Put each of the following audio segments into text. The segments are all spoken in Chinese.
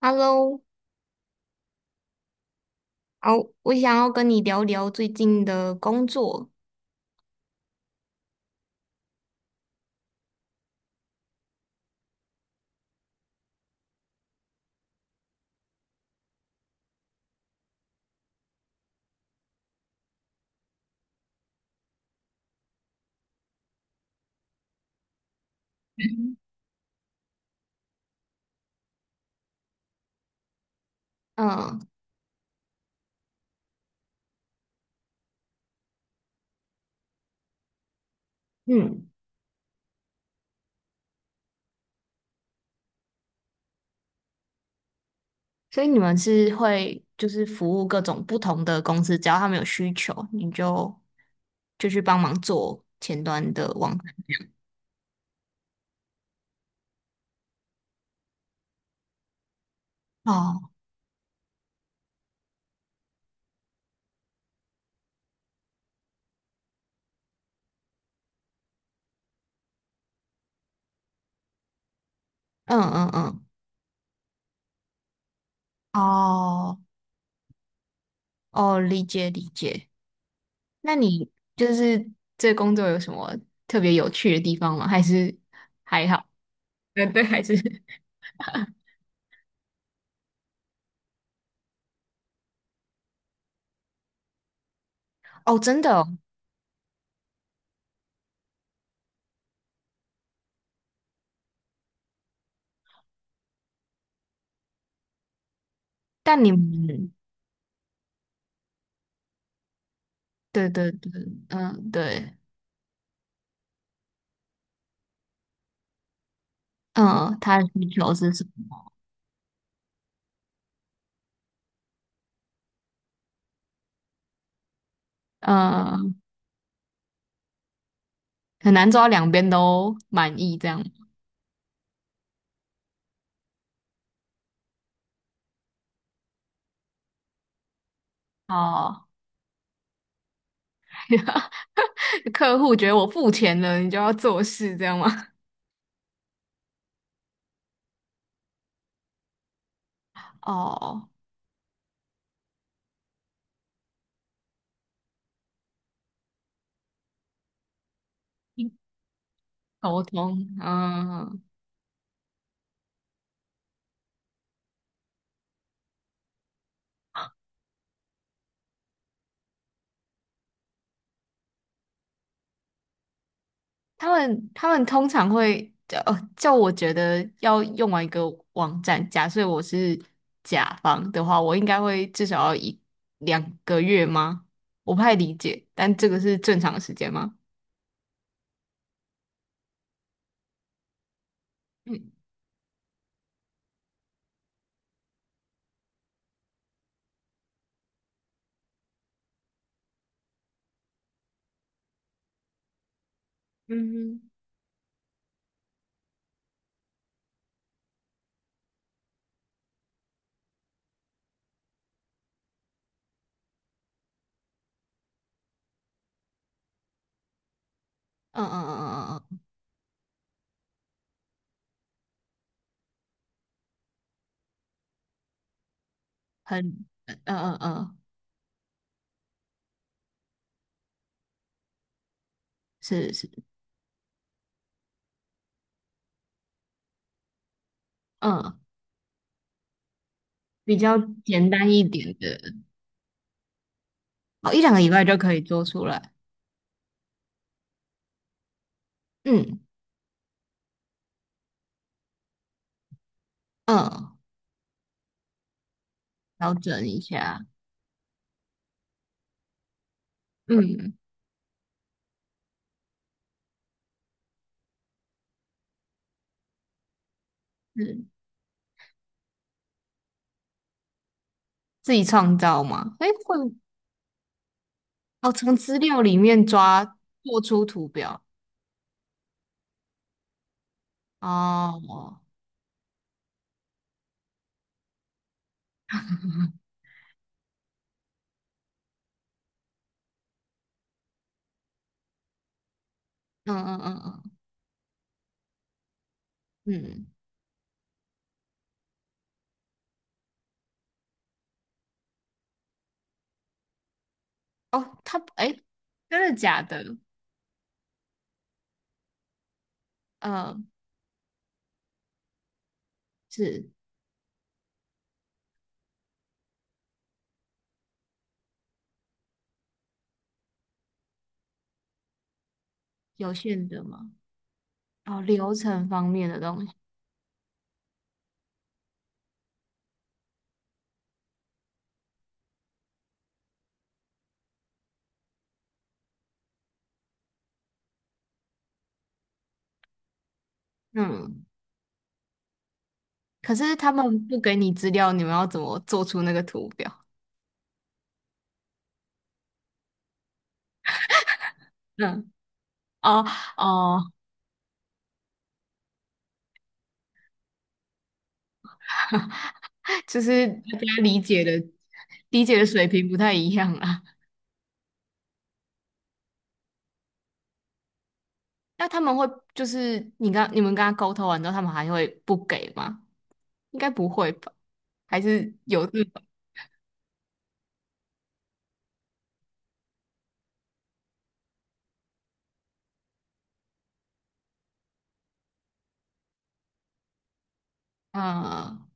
Hello，哦，我想要跟你聊聊最近的工作。嗯嗯，所以你们是会就是服务各种不同的公司，只要他们有需求，你就去帮忙做前端的网站哦。嗯嗯嗯，哦哦，理解理解。那你就是这工作有什么特别有趣的地方吗？还是还好？嗯，对，还是。 哦，真的哦。但你们对对对，嗯对。嗯，他的需求是什么？嗯，很难做到两边都满意这样。哦，客户觉得我付钱了，你就要做事这样吗？哦，沟通，嗯，他们通常会叫我觉得要用完一个网站，假设我是甲方的话，我应该会至少要一两个月吗？我不太理解，但这个是正常的时间吗？嗯嗯嗯嗯嗯嗯嗯嗯。很，嗯嗯嗯，是是，嗯，比较简单一点的，哦，一两个礼拜就可以做出来，嗯嗯，调整一下，嗯，是自己创造吗？哎，会。哦，从资料里面抓做出图表，哦，嗯嗯嗯嗯嗯，哦，他，哎，真的假的？嗯，是有限的吗？哦，流程方面的东西，嗯，可是他们不给你资料，你们要怎么做出那个图表？嗯，哦哦。就是大家理解的水平不太一样啊。那他们会就是你们跟他沟通完之后，他们还会不给吗？应该不会吧？还是有这种嗯。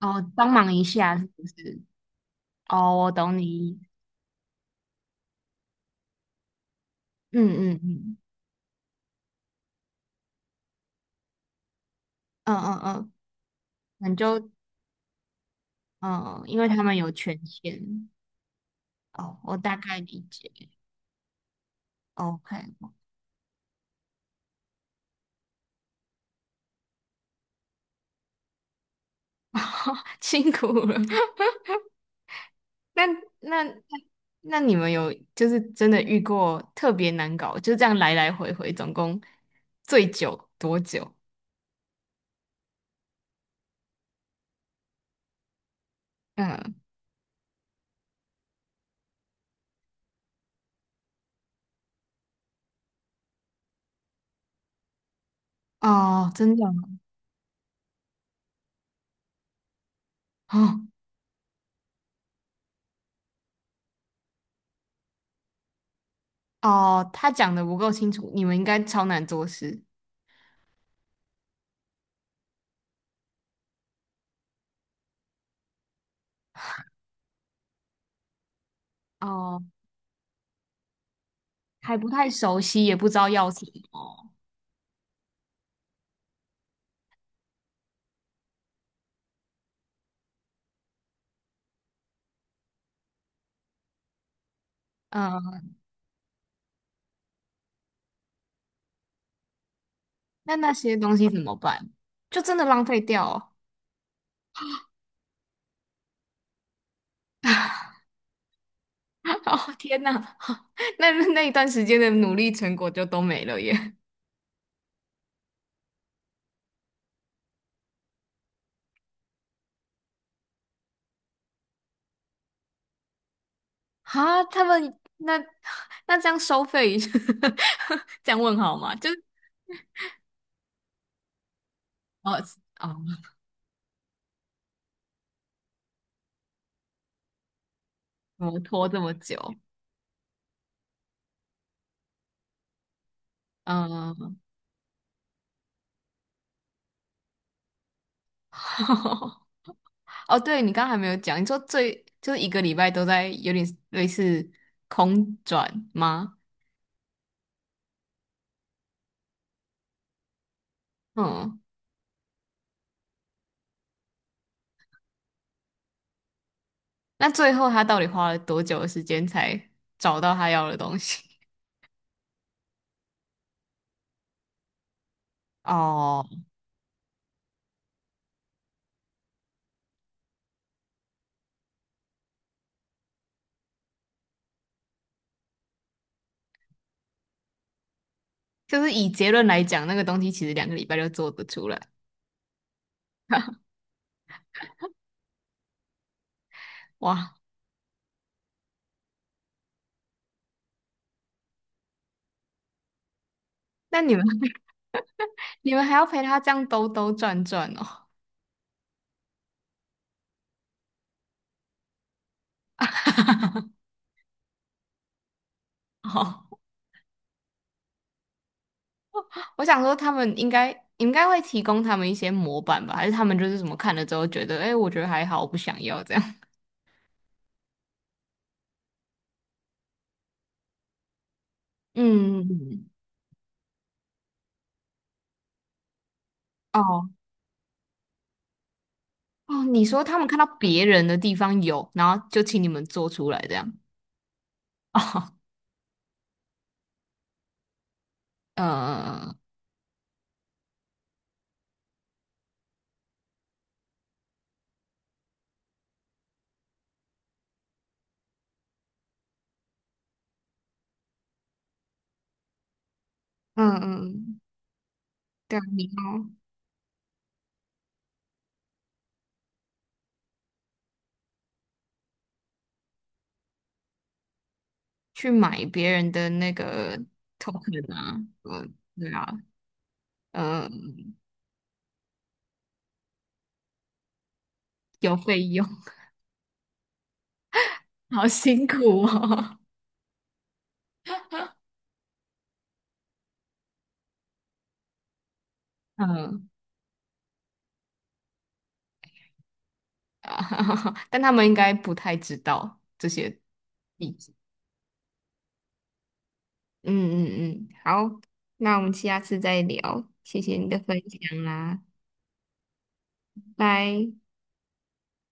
哦，帮忙一下是不是？哦，我懂你意思。嗯嗯嗯嗯嗯嗯，那你就嗯，因为他们有权限。哦，我大概理解。OK。辛苦了。那那那那你们有就是真的遇过特别难搞，就这样来来回回，总共最久多久？嗯，哦，真的哦。哦，他讲的不够清楚，你们应该超难做事。哦，还不太熟悉，也不知道要什么。嗯，那那些东西怎么办？就真的浪费掉哦。哦，天哪。那那一段时间的努力成果就都没了耶。哈，他们那 那这样收费 这样问好吗？就是哦哦，摩拖这么久，嗯。哦，对你刚刚还没有讲，你说最就是一个礼拜都在有点类似空转吗？嗯，那最后他到底花了多久的时间才找到他要的东西？哦，就是以结论来讲，那个东西其实两个礼拜就做得出来。哇，那你们 你们还要陪他这样兜兜转转哦？哦，我想说他们应该会提供他们一些模板吧，还是他们就是什么看了之后觉得，哎，我觉得还好，我不想要这样。嗯，哦哦，你说他们看到别人的地方有，然后就请你们做出来这样。哦，呃，嗯嗯，对啊，你要去买别人的那个 token 啊，嗯，对啊，嗯，有费用。好辛苦哦。嗯，啊 但他们应该不太知道这些。嗯嗯嗯，好，那我们下次再聊，谢谢你的分享啦，拜。